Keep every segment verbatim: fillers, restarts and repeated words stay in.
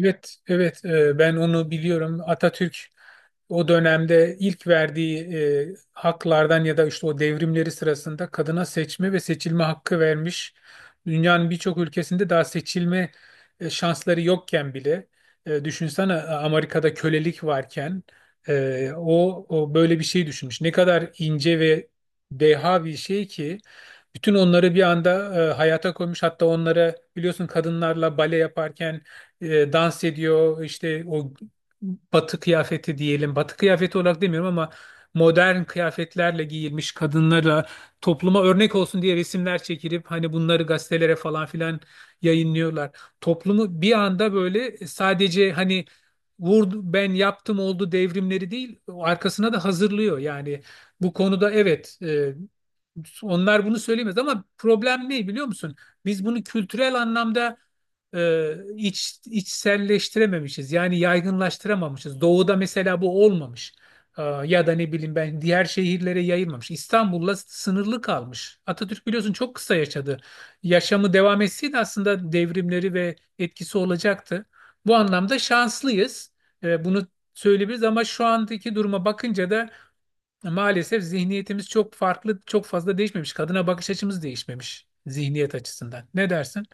Evet, evet, e, ben onu biliyorum. Atatürk o dönemde ilk verdiği e, haklardan ya da işte o devrimleri sırasında kadına seçme ve seçilme hakkı vermiş. Dünyanın birçok ülkesinde daha seçilme e, şansları yokken bile, e, düşünsene, e, Amerika'da kölelik varken e, o, o böyle bir şey düşünmüş. Ne kadar ince ve deha bir şey ki bütün onları bir anda e, hayata koymuş. Hatta onlara biliyorsun kadınlarla bale yaparken e, dans ediyor, işte o batı kıyafeti diyelim, batı kıyafeti olarak demiyorum ama modern kıyafetlerle giyilmiş kadınlara topluma örnek olsun diye resimler çekilip hani bunları gazetelere falan filan yayınlıyorlar. Toplumu bir anda böyle sadece hani vurdu ben yaptım oldu devrimleri değil, arkasına da hazırlıyor yani. Bu konuda evet, e, onlar bunu söyleyemez ama problem ne biliyor musun? Biz bunu kültürel anlamda e, iç, içselleştirememişiz. Yani yaygınlaştıramamışız. Doğu'da mesela bu olmamış. E, ya da ne bileyim ben, diğer şehirlere yayılmamış. İstanbul'la sınırlı kalmış. Atatürk biliyorsun çok kısa yaşadı. Yaşamı devam etseydi aslında devrimleri ve etkisi olacaktı. Bu anlamda şanslıyız. E, bunu söyleyebiliriz ama şu andaki duruma bakınca da maalesef zihniyetimiz çok farklı, çok fazla değişmemiş. Kadına bakış açımız değişmemiş zihniyet açısından. Ne dersin?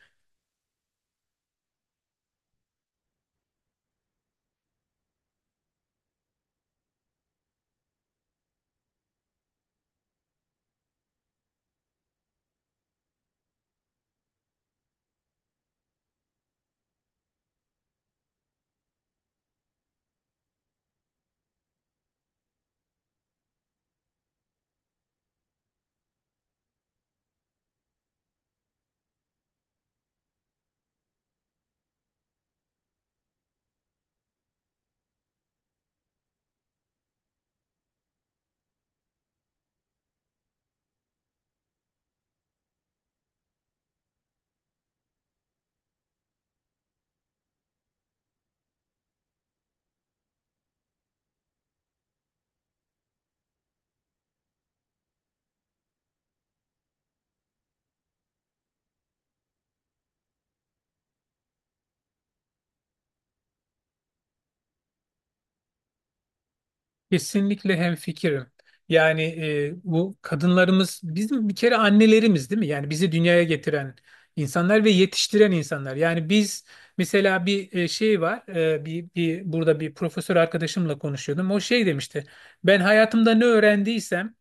Kesinlikle hemfikirim. Yani e, bu kadınlarımız bizim bir kere annelerimiz değil mi? Yani bizi dünyaya getiren insanlar ve yetiştiren insanlar. Yani biz mesela bir e, şey var. e, bir, bir burada bir profesör arkadaşımla konuşuyordum. O şey demişti. Ben hayatımda ne öğrendiysem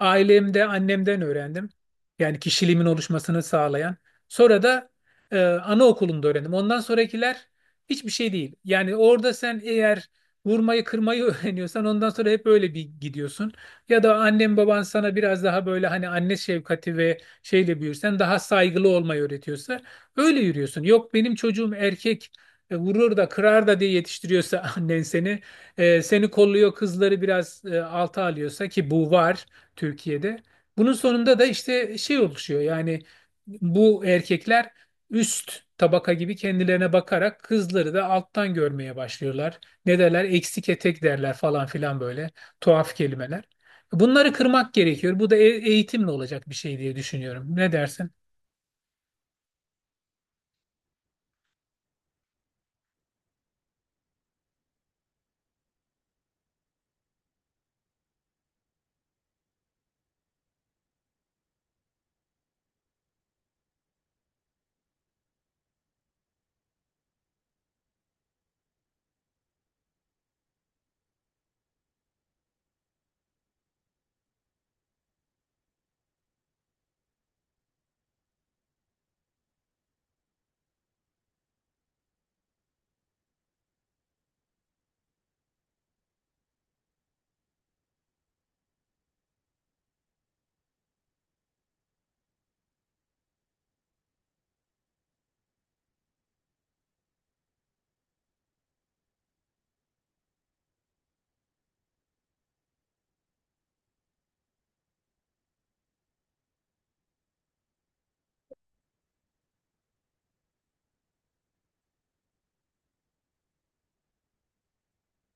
ailemde annemden öğrendim. Yani kişiliğimin oluşmasını sağlayan. Sonra da e, anaokulunda öğrendim. Ondan sonrakiler hiçbir şey değil. Yani orada sen eğer vurmayı kırmayı öğreniyorsan ondan sonra hep öyle bir gidiyorsun. Ya da annem baban sana biraz daha böyle hani anne şefkati ve şeyle büyürsen daha saygılı olmayı öğretiyorsa öyle yürüyorsun. Yok, benim çocuğum erkek, e, vurur da kırar da diye yetiştiriyorsa annen seni e, seni kolluyor, kızları biraz e, alta alıyorsa, ki bu var. Türkiye'de. Bunun sonunda da işte şey oluşuyor yani, bu erkekler üst tabaka gibi kendilerine bakarak kızları da alttan görmeye başlıyorlar. Ne derler? Eksik etek derler falan filan, böyle tuhaf kelimeler. Bunları kırmak gerekiyor. Bu da e- eğitimle olacak bir şey diye düşünüyorum. Ne dersin?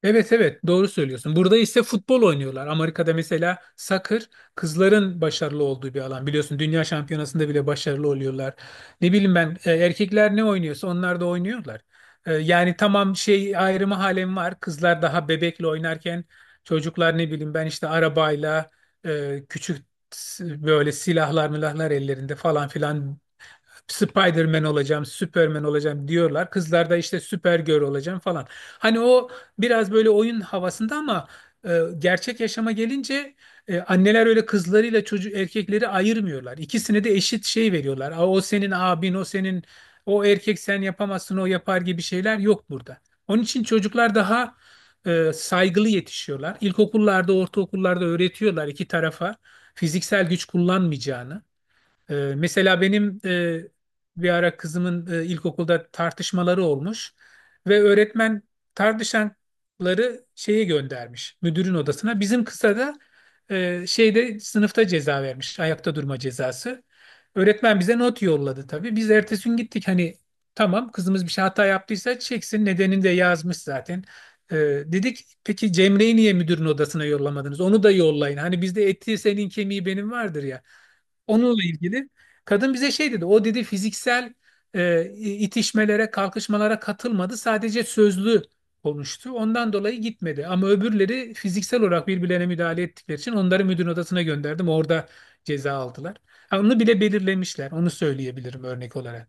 Evet, evet, doğru söylüyorsun. Burada ise futbol oynuyorlar. Amerika'da mesela soccer kızların başarılı olduğu bir alan. Biliyorsun dünya şampiyonasında bile başarılı oluyorlar. Ne bileyim ben, e, erkekler ne oynuyorsa onlar da oynuyorlar. E, yani tamam, şey ayrımı halen var. Kızlar daha bebekle oynarken çocuklar, ne bileyim ben, işte arabayla, e, küçük s- böyle silahlar milahlar ellerinde falan filan, Spider-Man olacağım, Superman olacağım diyorlar. Kızlarda işte Supergirl olacağım falan. Hani o biraz böyle oyun havasında ama e, gerçek yaşama gelince e, anneler öyle kızlarıyla çocuk erkekleri ayırmıyorlar. İkisine de eşit şey veriyorlar. "Aa, o senin abin, o senin, o erkek sen yapamazsın, o yapar" gibi şeyler yok burada. Onun için çocuklar daha e, saygılı yetişiyorlar. İlkokullarda, ortaokullarda öğretiyorlar iki tarafa fiziksel güç kullanmayacağını. Ee, mesela benim e, bir ara kızımın e, ilkokulda tartışmaları olmuş ve öğretmen tartışanları şeye göndermiş, müdürün odasına. Bizim kıza da e, şeyde, sınıfta ceza vermiş, ayakta durma cezası. Öğretmen bize not yolladı tabii. Biz ertesi gün gittik, hani tamam kızımız bir şey hata yaptıysa çeksin, nedenini de yazmış zaten. Ee, dedik peki Cemre'yi niye müdürün odasına yollamadınız? Onu da yollayın. Hani bizde eti senin kemiği benim vardır ya. Onunla ilgili kadın bize şey dedi. O dedi fiziksel e, itişmelere, kalkışmalara katılmadı. Sadece sözlü konuştu. Ondan dolayı gitmedi. Ama öbürleri fiziksel olarak birbirlerine müdahale ettikleri için onları müdür odasına gönderdim. Orada ceza aldılar. Ha, onu bile belirlemişler. Onu söyleyebilirim örnek olarak.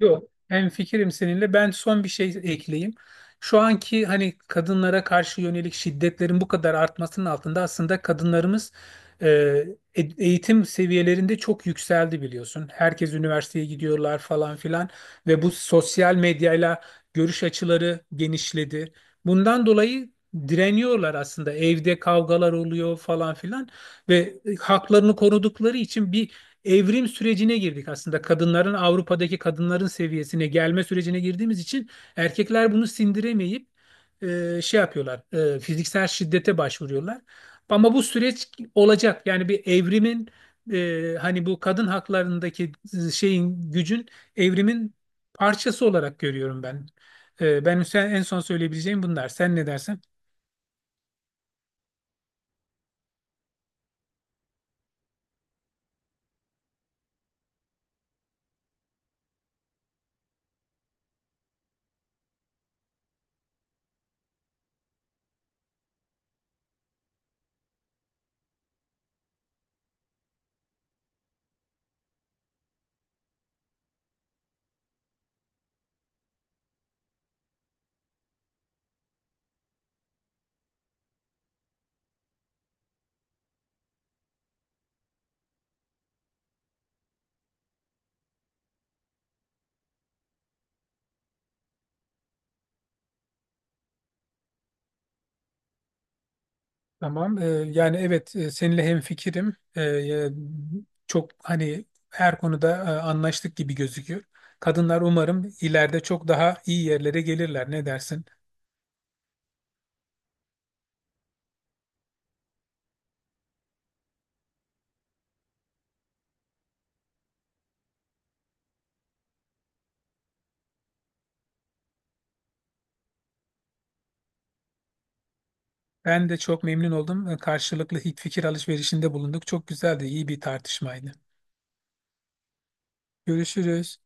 Yok, hemfikirim seninle. Ben son bir şey ekleyeyim. Şu anki hani kadınlara karşı yönelik şiddetlerin bu kadar artmasının altında aslında kadınlarımız e, e- eğitim seviyelerinde çok yükseldi biliyorsun. Herkes üniversiteye gidiyorlar falan filan ve bu sosyal medyayla görüş açıları genişledi. Bundan dolayı direniyorlar aslında. Evde kavgalar oluyor falan filan ve e, haklarını korudukları için bir evrim sürecine girdik aslında. Kadınların Avrupa'daki kadınların seviyesine gelme sürecine girdiğimiz için erkekler bunu sindiremeyip e, şey yapıyorlar. E, fiziksel şiddete başvuruyorlar. Ama bu süreç olacak. Yani bir evrimin, e, hani bu kadın haklarındaki şeyin, gücün, evrimin parçası olarak görüyorum ben. E, ben en son söyleyebileceğim bunlar. Sen ne dersen? Tamam. Ee, yani evet, e, seninle hemfikirim. Ee, e, çok hani her konuda e, anlaştık gibi gözüküyor. Kadınlar umarım ileride çok daha iyi yerlere gelirler. Ne dersin? Ben de çok memnun oldum. Ee, Karşılıklı fikir alışverişinde bulunduk. Çok güzeldi, iyi bir tartışmaydı. Görüşürüz.